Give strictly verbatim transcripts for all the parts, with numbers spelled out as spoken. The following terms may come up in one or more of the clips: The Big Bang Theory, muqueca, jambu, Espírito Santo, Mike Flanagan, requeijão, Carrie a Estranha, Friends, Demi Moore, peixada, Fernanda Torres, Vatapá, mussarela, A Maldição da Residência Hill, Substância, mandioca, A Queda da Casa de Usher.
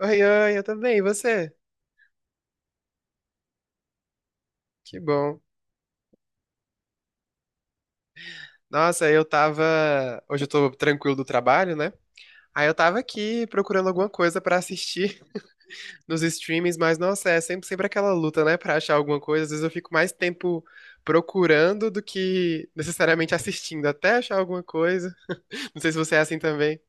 Oi, oi, eu também, e você? Que bom. Nossa, eu tava. Hoje eu tô tranquilo do trabalho, né? Aí eu tava aqui procurando alguma coisa pra assistir nos streamings, mas nossa, é sempre, sempre aquela luta, né, pra achar alguma coisa. Às vezes eu fico mais tempo procurando do que necessariamente assistindo, até achar alguma coisa. Não sei se você é assim também.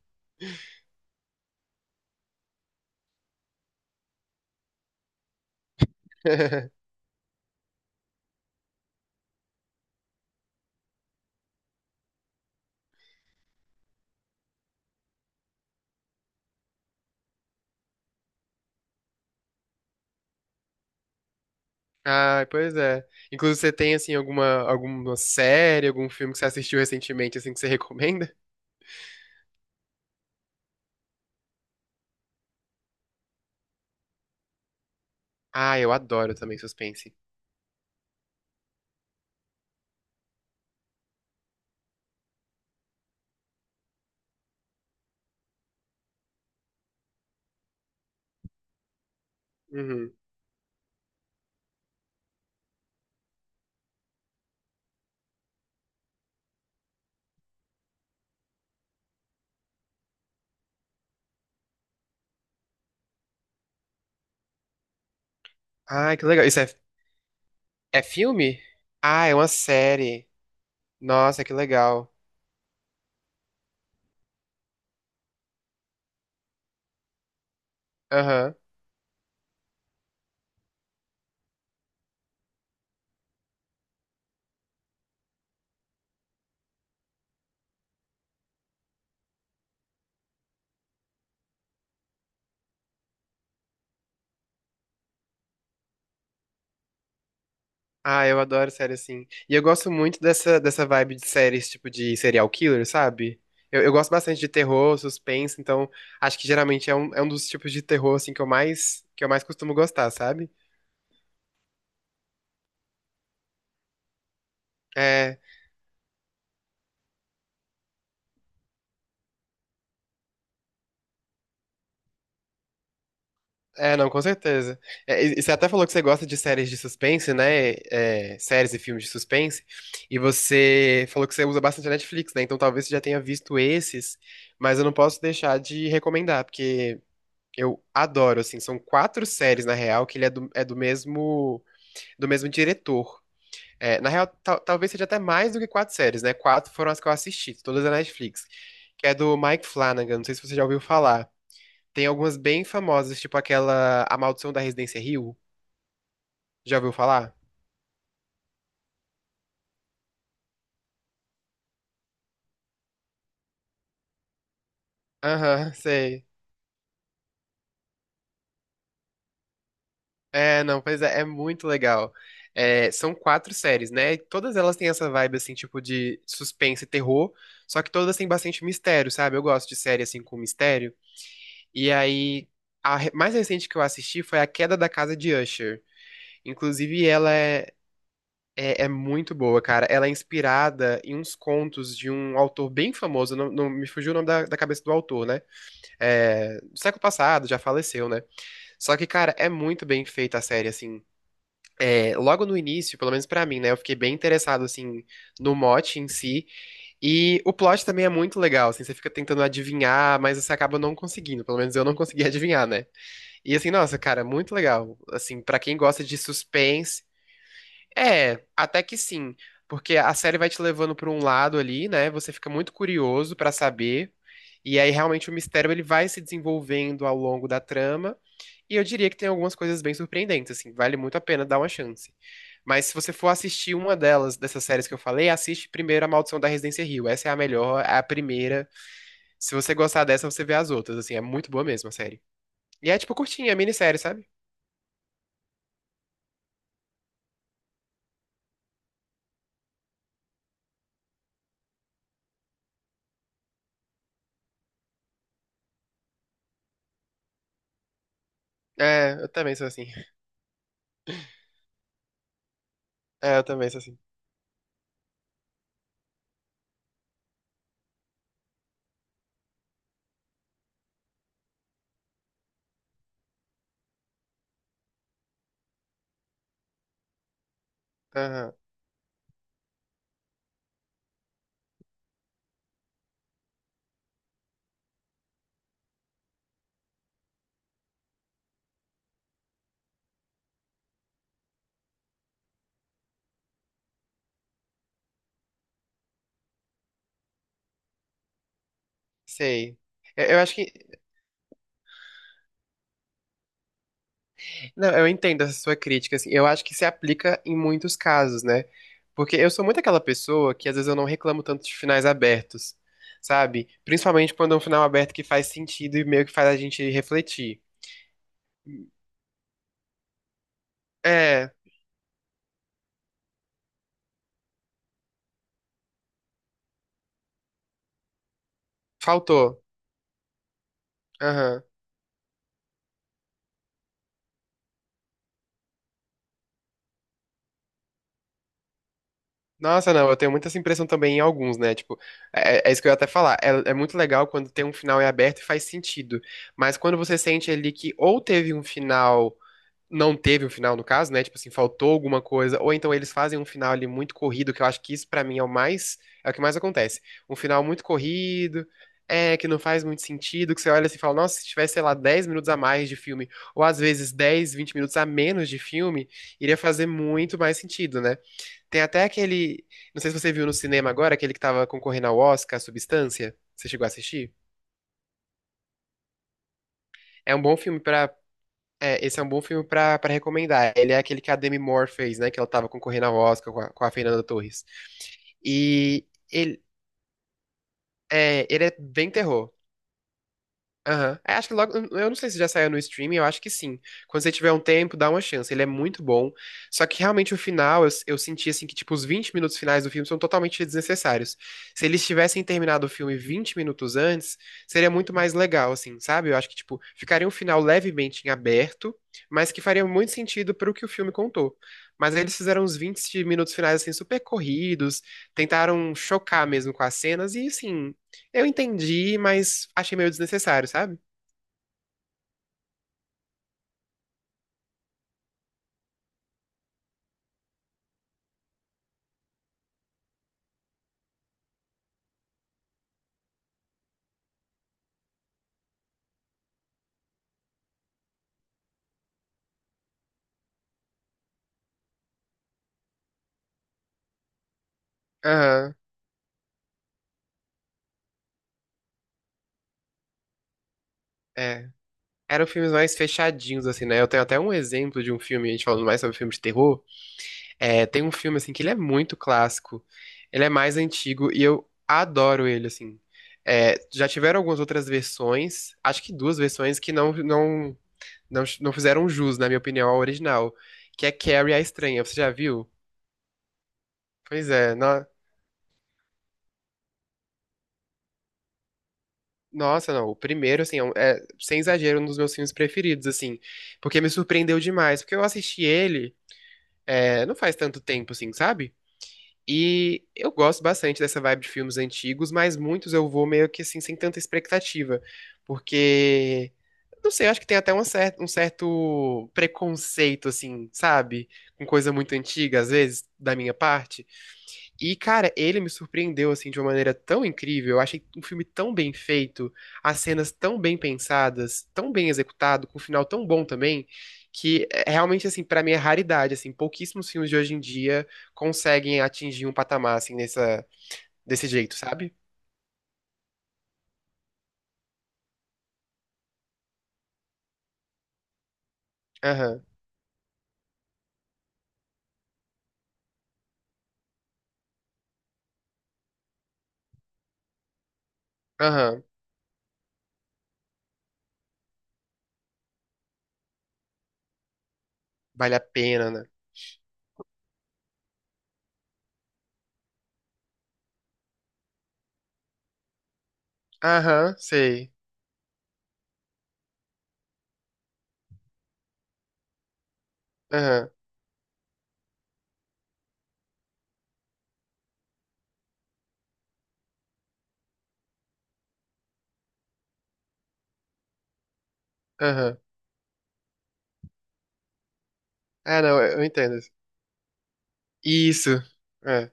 Ah, pois é. Inclusive, você tem, assim, alguma, alguma série, algum filme que você assistiu recentemente, assim, que você recomenda? Ah, eu adoro também suspense. Uhum. Ai, que legal. Isso é, é filme? Ah, é uma série. Nossa, que legal. Aham. Ah, eu adoro série assim. E eu gosto muito dessa, dessa vibe de séries, tipo de serial killer, sabe? Eu, eu gosto bastante de terror, suspense, então acho que geralmente é um, é um dos tipos de terror, assim, que eu mais, que eu mais costumo gostar, sabe? É. É, não, com certeza. É, e e você até falou que você gosta de séries de suspense, né? É, séries e filmes de suspense. E você falou que você usa bastante a Netflix, né? Então talvez você já tenha visto esses, mas eu não posso deixar de recomendar, porque eu adoro, assim, são quatro séries, na real, que ele é do, é do mesmo, do mesmo diretor. É, na real, tal- talvez seja até mais do que quatro séries, né? Quatro foram as que eu assisti, todas da Netflix. Que é do Mike Flanagan, não sei se você já ouviu falar. Tem algumas bem famosas, tipo aquela A Maldição da Residência Hill. Já ouviu falar? Aham, sei. É, não, pois é, é muito legal. É, são quatro séries, né? E todas elas têm essa vibe, assim, tipo de suspense e terror, só que todas têm bastante mistério, sabe? Eu gosto de série, assim, com mistério. E aí, a re- mais recente que eu assisti foi A Queda da Casa de Usher. Inclusive, ela é, é, é muito boa, cara. Ela é inspirada em uns contos de um autor bem famoso, não, não me fugiu o nome da, da cabeça do autor, né? É, do século passado, já faleceu, né? Só que, cara, é muito bem feita a série, assim. É, logo no início, pelo menos pra mim, né? Eu fiquei bem interessado, assim, no mote em si. E o plot também é muito legal, assim, você fica tentando adivinhar, mas você acaba não conseguindo, pelo menos eu não consegui adivinhar, né? E assim, nossa, cara, muito legal. Assim, pra quem gosta de suspense, é, até que sim, porque a série vai te levando para um lado ali, né? Você fica muito curioso para saber, e aí realmente o mistério ele vai se desenvolvendo ao longo da trama, e eu diria que tem algumas coisas bem surpreendentes, assim, vale muito a pena dar uma chance. Mas se você for assistir uma delas, dessas séries que eu falei, assiste primeiro A Maldição da Residência Hill. Essa é a melhor, é a primeira. Se você gostar dessa, você vê as outras, assim, é muito boa mesmo a série. E é tipo curtinha, minissérie, sabe? É, eu também sou assim. É, eu também sou assim. Aham, sei. Eu, eu acho que Não, eu entendo essa sua crítica, assim. Eu acho que se aplica em muitos casos, né? Porque eu sou muito aquela pessoa que às vezes eu não reclamo tanto de finais abertos, sabe? Principalmente quando é um final aberto que faz sentido e meio que faz a gente refletir. É, faltou. Aham. Nossa, não, eu tenho muita essa impressão também em alguns, né? Tipo, é, é é isso que eu ia até falar. É, é muito legal quando tem um final em aberto e faz sentido. Mas quando você sente ali que ou teve um final, não teve um final, no caso, né? Tipo assim, faltou alguma coisa. Ou então eles fazem um final ali muito corrido, que eu acho que isso pra mim é o mais, é o que mais acontece. Um final muito corrido, é, que não faz muito sentido, que você olha assim e fala, nossa, se tivesse, sei lá, dez minutos a mais de filme, ou às vezes dez vinte minutos a menos de filme, iria fazer muito mais sentido, né? Tem até aquele, não sei se você viu no cinema agora, aquele que tava concorrendo ao Oscar, Substância. Você chegou a assistir? É um bom filme pra É, esse é um bom filme pra, pra recomendar. Ele é aquele que a Demi Moore fez, né? Que ela tava concorrendo ao Oscar com a, com a Fernanda Torres. E ele é, ele é bem terror. Aham. É, acho que logo. Eu não sei se já saiu no streaming, eu acho que sim. Quando você tiver um tempo, dá uma chance. Ele é muito bom. Só que realmente o final, eu, eu senti assim que, tipo, os vinte minutos finais do filme são totalmente desnecessários. Se eles tivessem terminado o filme vinte minutos antes, seria muito mais legal, assim, sabe? Eu acho que, tipo, ficaria um final levemente em aberto, mas que faria muito sentido pro que o filme contou. Mas aí eles fizeram uns vinte minutos finais, assim, super corridos, tentaram chocar mesmo com as cenas, e assim. Eu entendi, mas achei meio desnecessário, sabe? Aham, é. Eram filmes mais fechadinhos, assim, né? Eu tenho até um exemplo de um filme, a gente falando mais sobre filmes de terror. É, tem um filme, assim, que ele é muito clássico. Ele é mais antigo e eu adoro ele, assim. É, já tiveram algumas outras versões, acho que duas versões, que não, não, não, não fizeram jus, na minha opinião, ao original. Que é Carrie a Estranha, você já viu? Pois é, nó- nossa, não. O primeiro, assim, é, um- é, sem exagero, um dos meus filmes preferidos, assim. Porque me surpreendeu demais. Porque eu assisti ele, é, não faz tanto tempo, assim, sabe? E eu gosto bastante dessa vibe de filmes antigos, mas muitos eu vou meio que, assim, sem tanta expectativa. Porque, não sei, eu acho que tem até uma cer- um certo preconceito, assim, sabe? Com coisa muito antiga, às vezes, da minha parte. E, cara, ele me surpreendeu assim de uma maneira tão incrível. Eu achei um filme tão bem feito, as cenas tão bem pensadas, tão bem executado, com um final tão bom também, que é realmente assim, pra mim é raridade, assim, pouquíssimos filmes de hoje em dia conseguem atingir um patamar assim nessa, desse jeito, sabe? Aham. Aham. Vale a pena, né? Aham, sei. Aham. Aham. Ah, não, eu eu entendo. Isso. É.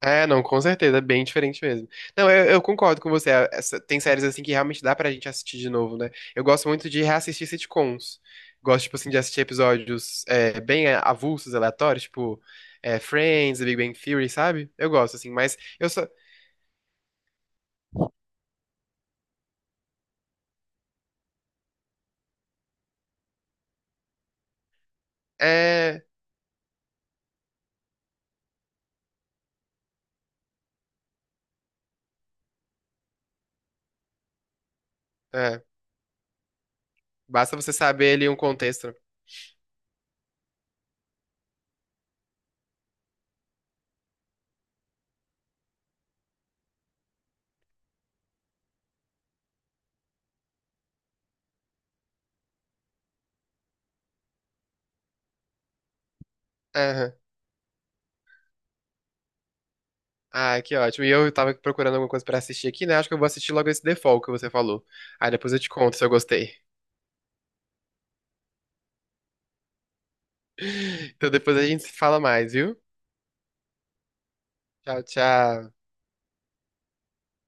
É, não, com certeza, é bem diferente mesmo. Não, eu, eu concordo com você. A- essa- tem séries assim que realmente dá pra gente assistir de novo, né? Eu gosto muito de reassistir sitcoms. Gosto, tipo assim, de assistir episódios, é, bem, é, avulsos, aleatórios, tipo é, Friends, The Big Bang Theory, sabe? Eu gosto, assim, mas eu só. É, é, basta você saber ali um contexto. Aham. Ah, que ótimo. E eu tava procurando alguma coisa pra assistir aqui, né? Acho que eu vou assistir logo esse default que você falou. Aí depois eu te conto se eu gostei. Então depois a gente se fala mais, viu? Tchau, tchau.